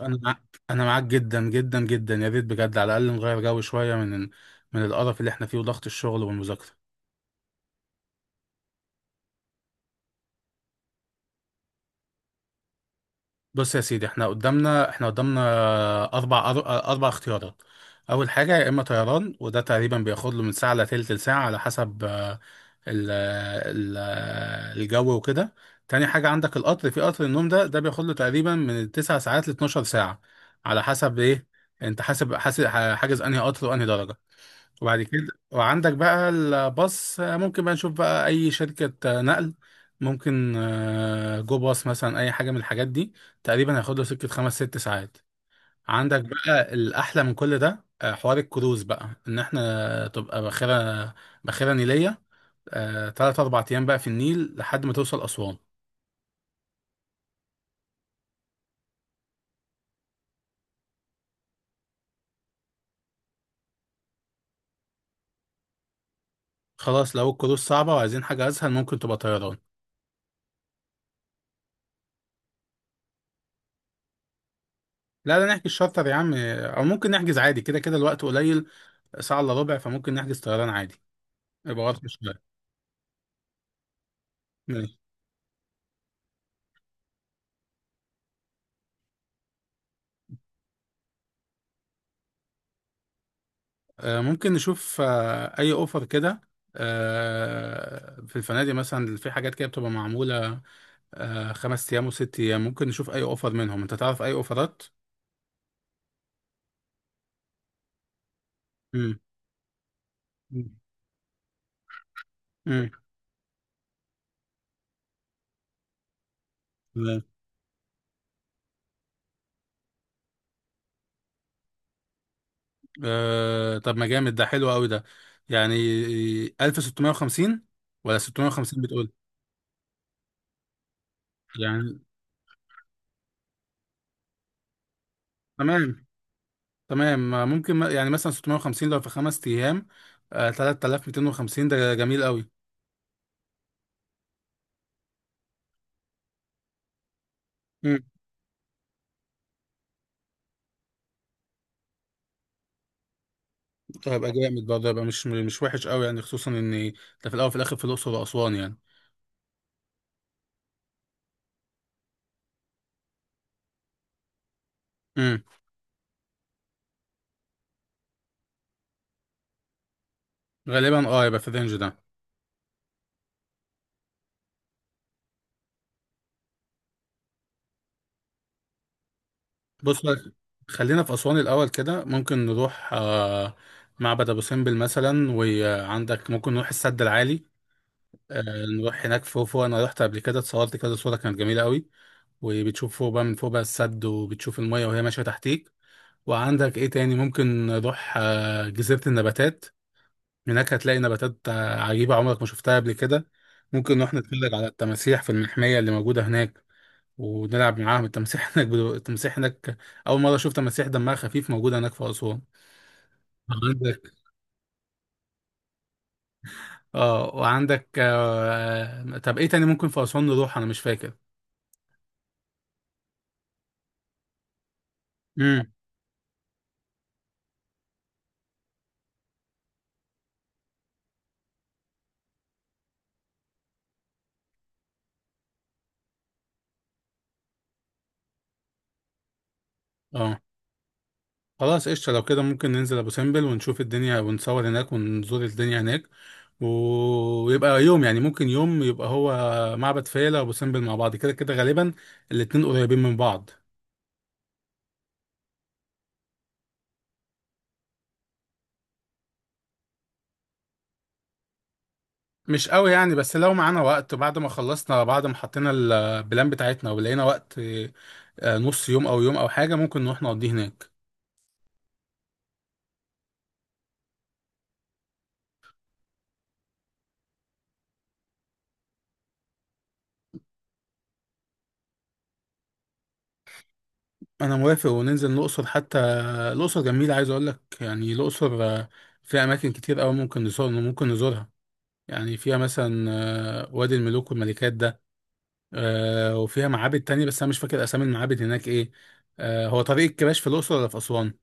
انا معاك، انا معاك جدا جدا جدا، يا ريت بجد على الاقل نغير جو شويه من القرف اللي احنا فيه وضغط الشغل والمذاكره. بص يا سيدي، احنا قدامنا اربع أر- اربع اختيارات. اول حاجه، يا اما طيران، وده تقريبا بياخد له من ساعه لتلت ساعه على حسب ال ال الجو وكده. تاني حاجه، عندك القطر، في قطر النوم ده، بياخد له تقريبا من 9 ساعات ل 12 ساعة ساعه على حسب ايه انت حاسب حاجز انهي قطر وانهي درجه. وبعد كده وعندك بقى الباص، ممكن بقى نشوف بقى اي شركة نقل ممكن، جو باص مثلا، اي حاجة من الحاجات دي تقريبا هياخد له سكة خمس ست ساعات. عندك بقى الاحلى من كل ده، حوار الكروز بقى، ان احنا تبقى باخرة، باخرة نيلية، تلات اربع ايام بقى في النيل لحد ما توصل اسوان. خلاص، لو الكروز صعبة وعايزين حاجة اسهل، ممكن تبقى طيران. لا لا، نحجز شارتر يا عم، او ممكن نحجز عادي، كده كده الوقت قليل، ساعة الا ربع، فممكن نحجز طيران عادي. يبقى واضح شوية. ماشي. ممكن نشوف أي أوفر كده في الفنادق، مثلا في حاجات كده بتبقى معمولة خمس أيام وست أيام، ممكن نشوف أي أوفر منهم. أنت تعرف أي أوفرات؟ مم. مم. مم. تمام. طب ما جامد، ده حلو أوي ده، يعني 1650 ولا 650 بتقول؟ يعني تمام. تمام، ممكن يعني مثلا 650 لو في خمس أيام، 3250، ده جميل أوي. هيبقى جامد برضه، هيبقى مش وحش قوي، يعني خصوصا ان ده في الاول وفي الاخر في الاقصر واسوان يعني. امم، غالبا اه، هيبقى في الرينج ده. بص بقى، خلينا في اسوان الاول كده. ممكن نروح آه معبد ابو سمبل مثلا، وعندك ممكن نروح السد العالي، آه نروح هناك فوق فوق. انا رحت قبل كده اتصورت كده صوره كانت جميله قوي، وبتشوف فوق بقى، من فوق بقى السد، وبتشوف الميه وهي ماشيه تحتيك. وعندك ايه تاني؟ ممكن نروح آه جزيره النباتات، هناك هتلاقي نباتات عجيبة عمرك ما شفتها قبل كده. ممكن نروح نتفرج على التماسيح في المحمية اللي موجودة هناك، ونلعب معاهم التماسيح هناك. التماسيح هناك، أول مرة شفت تماسيح دمها خفيف موجودة هناك في أسوان. عندك اه. وعندك طب إيه تاني ممكن في أسوان نروح؟ أنا مش فاكر. امم. اه، خلاص قشطة. لو كده ممكن ننزل أبو سمبل ونشوف الدنيا ونصور هناك ونزور الدنيا هناك و- ويبقى يوم، يعني ممكن يوم يبقى هو معبد فيلة وأبو سمبل مع بعض، كده كده غالبا الاتنين قريبين من بعض. مش قوي يعني، بس لو معانا وقت بعد ما خلصنا، بعد ما حطينا البلان بتاعتنا ولقينا وقت، نص يوم أو يوم أو حاجة ممكن نروح نقضيه هناك. أنا موافق، وننزل الأقصر حتى. الأقصر جميلة، عايز أقول لك، يعني الأقصر فيها أماكن كتير أوي ممكن نزور، ممكن نزورها. يعني فيها مثلا وادي الملوك والملكات ده، وفيها معابد تانية بس أنا مش فاكر أسامي المعابد هناك إيه. هو طريق الكباش في الأقصر ولا في أسوان؟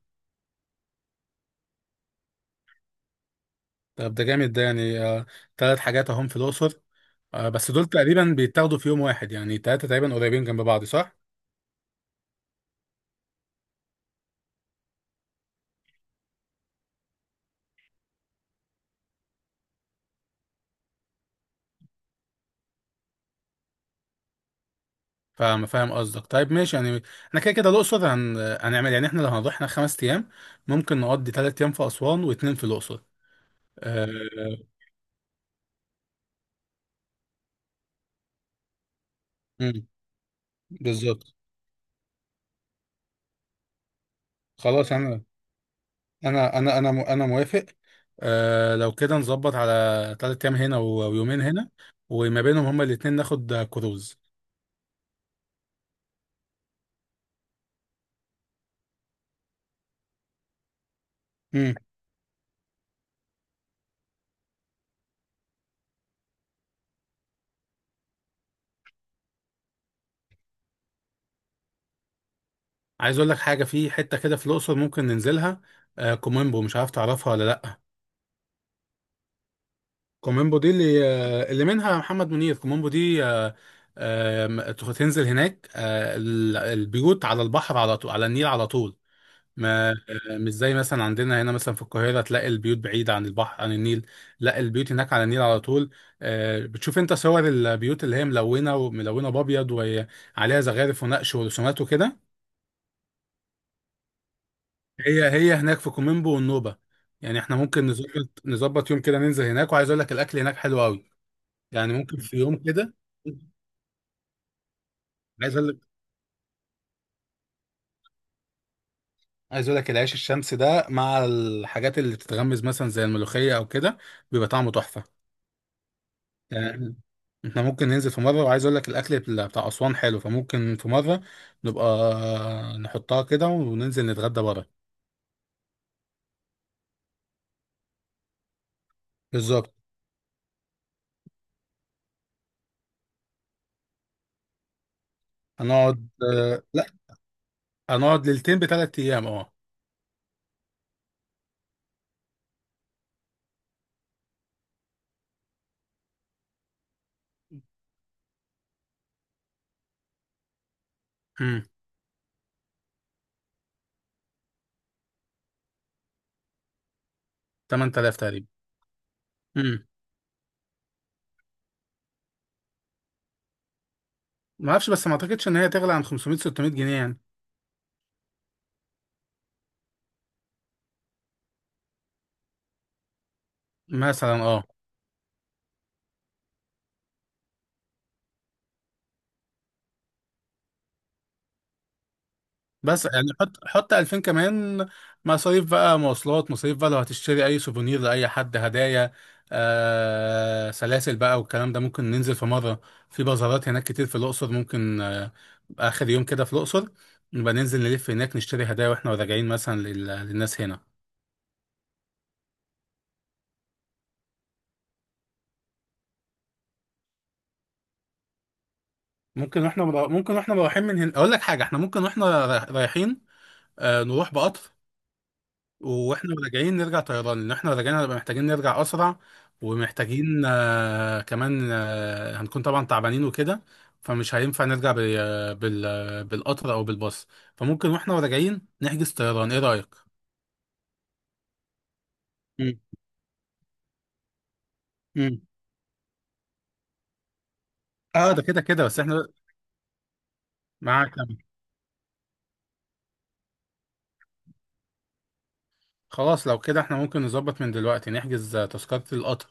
طب ده جامد، ده يعني تلات حاجات أهم في الأقصر. بس دول تقريبا بيتاخدوا في يوم واحد، يعني تلاتة تقريبا قريبين جنب بعض، صح؟ فاهم، فاهم قصدك. طيب ماشي يعني، احنا كده كده الأقصر هنعمل يعني، احنا لو هنروح هناك خمس أيام، ممكن نقضي تلات أيام في أسوان واتنين في الأقصر. آه. مم. بالظبط. خلاص أنا، انا موافق. آه لو كده، نظبط على تلات ايام هنا و- ويومين هنا، وما بينهم هما الاتنين ناخد كروز. امم. عايز اقول لك حاجه، في حته كده في الاقصر ممكن ننزلها، آه كوميمبو، مش عارف تعرفها ولا لا. كوميمبو دي اللي، آه اللي منها محمد منير، كوميمبو دي آه. آه تنزل هناك، آه البيوت على البحر على طول، على النيل على طول، ما مش زي مثلا عندنا هنا مثلا في القاهرة تلاقي البيوت بعيدة عن البحر، عن النيل، لا البيوت هناك على النيل على طول. بتشوف انت صور البيوت اللي هي ملونة، وملونة بأبيض وعليها زخارف ونقش ورسومات وكده. هي، هي هناك في كوميمبو والنوبة. يعني احنا ممكن نظبط، يوم كده ننزل هناك، وعايز اقول لك الاكل هناك حلو قوي، يعني ممكن في يوم كده. عايز اقول لك، العيش الشمسي ده مع الحاجات اللي بتتغمز مثلا زي الملوخية او كده، بيبقى طعمه تحفة. آه، احنا ممكن ننزل في مرة، وعايز اقول لك الاكل بتاع اسوان حلو، فممكن في مرة نبقى نحطها كده وننزل نتغدى بره. بالظبط. هنقعد، لا، هنقعد ليلتين بثلاث ايام اه. امم. 8000 تقريبا. امم. ما اعرفش، بس ما اعتقدش ان هي تغلى عن 500 600 جنيه يعني. مثلا اه. بس يعني حط، 2000 كمان، مصاريف بقى مواصلات، مصاريف بقى لو هتشتري اي سوفونير لاي حد، هدايا، آه سلاسل بقى والكلام ده. ممكن ننزل في مره، في بازارات هناك كتير في الاقصر، ممكن آه اخر يوم كده في الاقصر نبقى ننزل نلف هناك نشتري هدايا واحنا راجعين مثلا للناس هنا. ممكن واحنا ممكن واحنا رايحين من هنا، اقول لك حاجه، احنا ممكن واحنا رايحين آه نروح بقطر، واحنا راجعين نرجع طيران، لان احنا راجعين هنبقى محتاجين نرجع اسرع، ومحتاجين آه كمان آه هنكون طبعا تعبانين وكده، فمش هينفع نرجع بالقطر او بالباص، فممكن واحنا راجعين نحجز طيران، ايه رايك؟ مم. مم. اه ده كده كده، بس احنا معاك. خلاص، لو كده احنا ممكن نظبط من دلوقتي نحجز تذكرة القطر.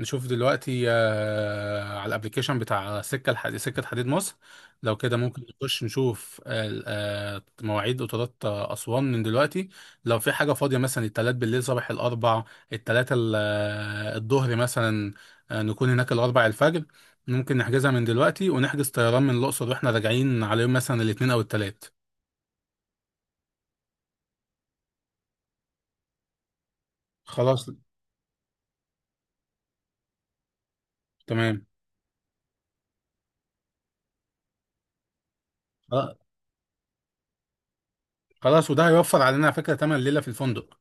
نشوف دلوقتي على الابليكيشن بتاع سكة الحديد، سكة حديد مصر. لو كده ممكن نخش نشوف مواعيد قطارات أسوان من دلوقتي، لو في حاجة فاضية مثلا التلات بالليل، صباح الأربع، التلاتة الظهر مثلا، نكون هناك الأربع الفجر. ممكن نحجزها من دلوقتي، ونحجز طيران من الأقصر واحنا راجعين على يوم مثلا الاتنين أو التلات. خلاص. تمام. خلاص، وده هيوفر علينا على فكرة تمن ليلة في الفندق.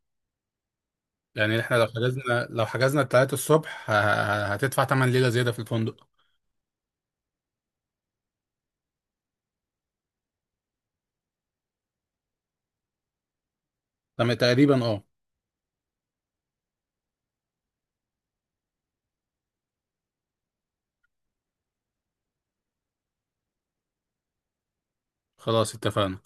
يعني احنا لو حجزنا، التلاتة الصبح هتدفع تمن ليلة زيادة في الفندق. تقريبا اه. خلاص اتفقنا.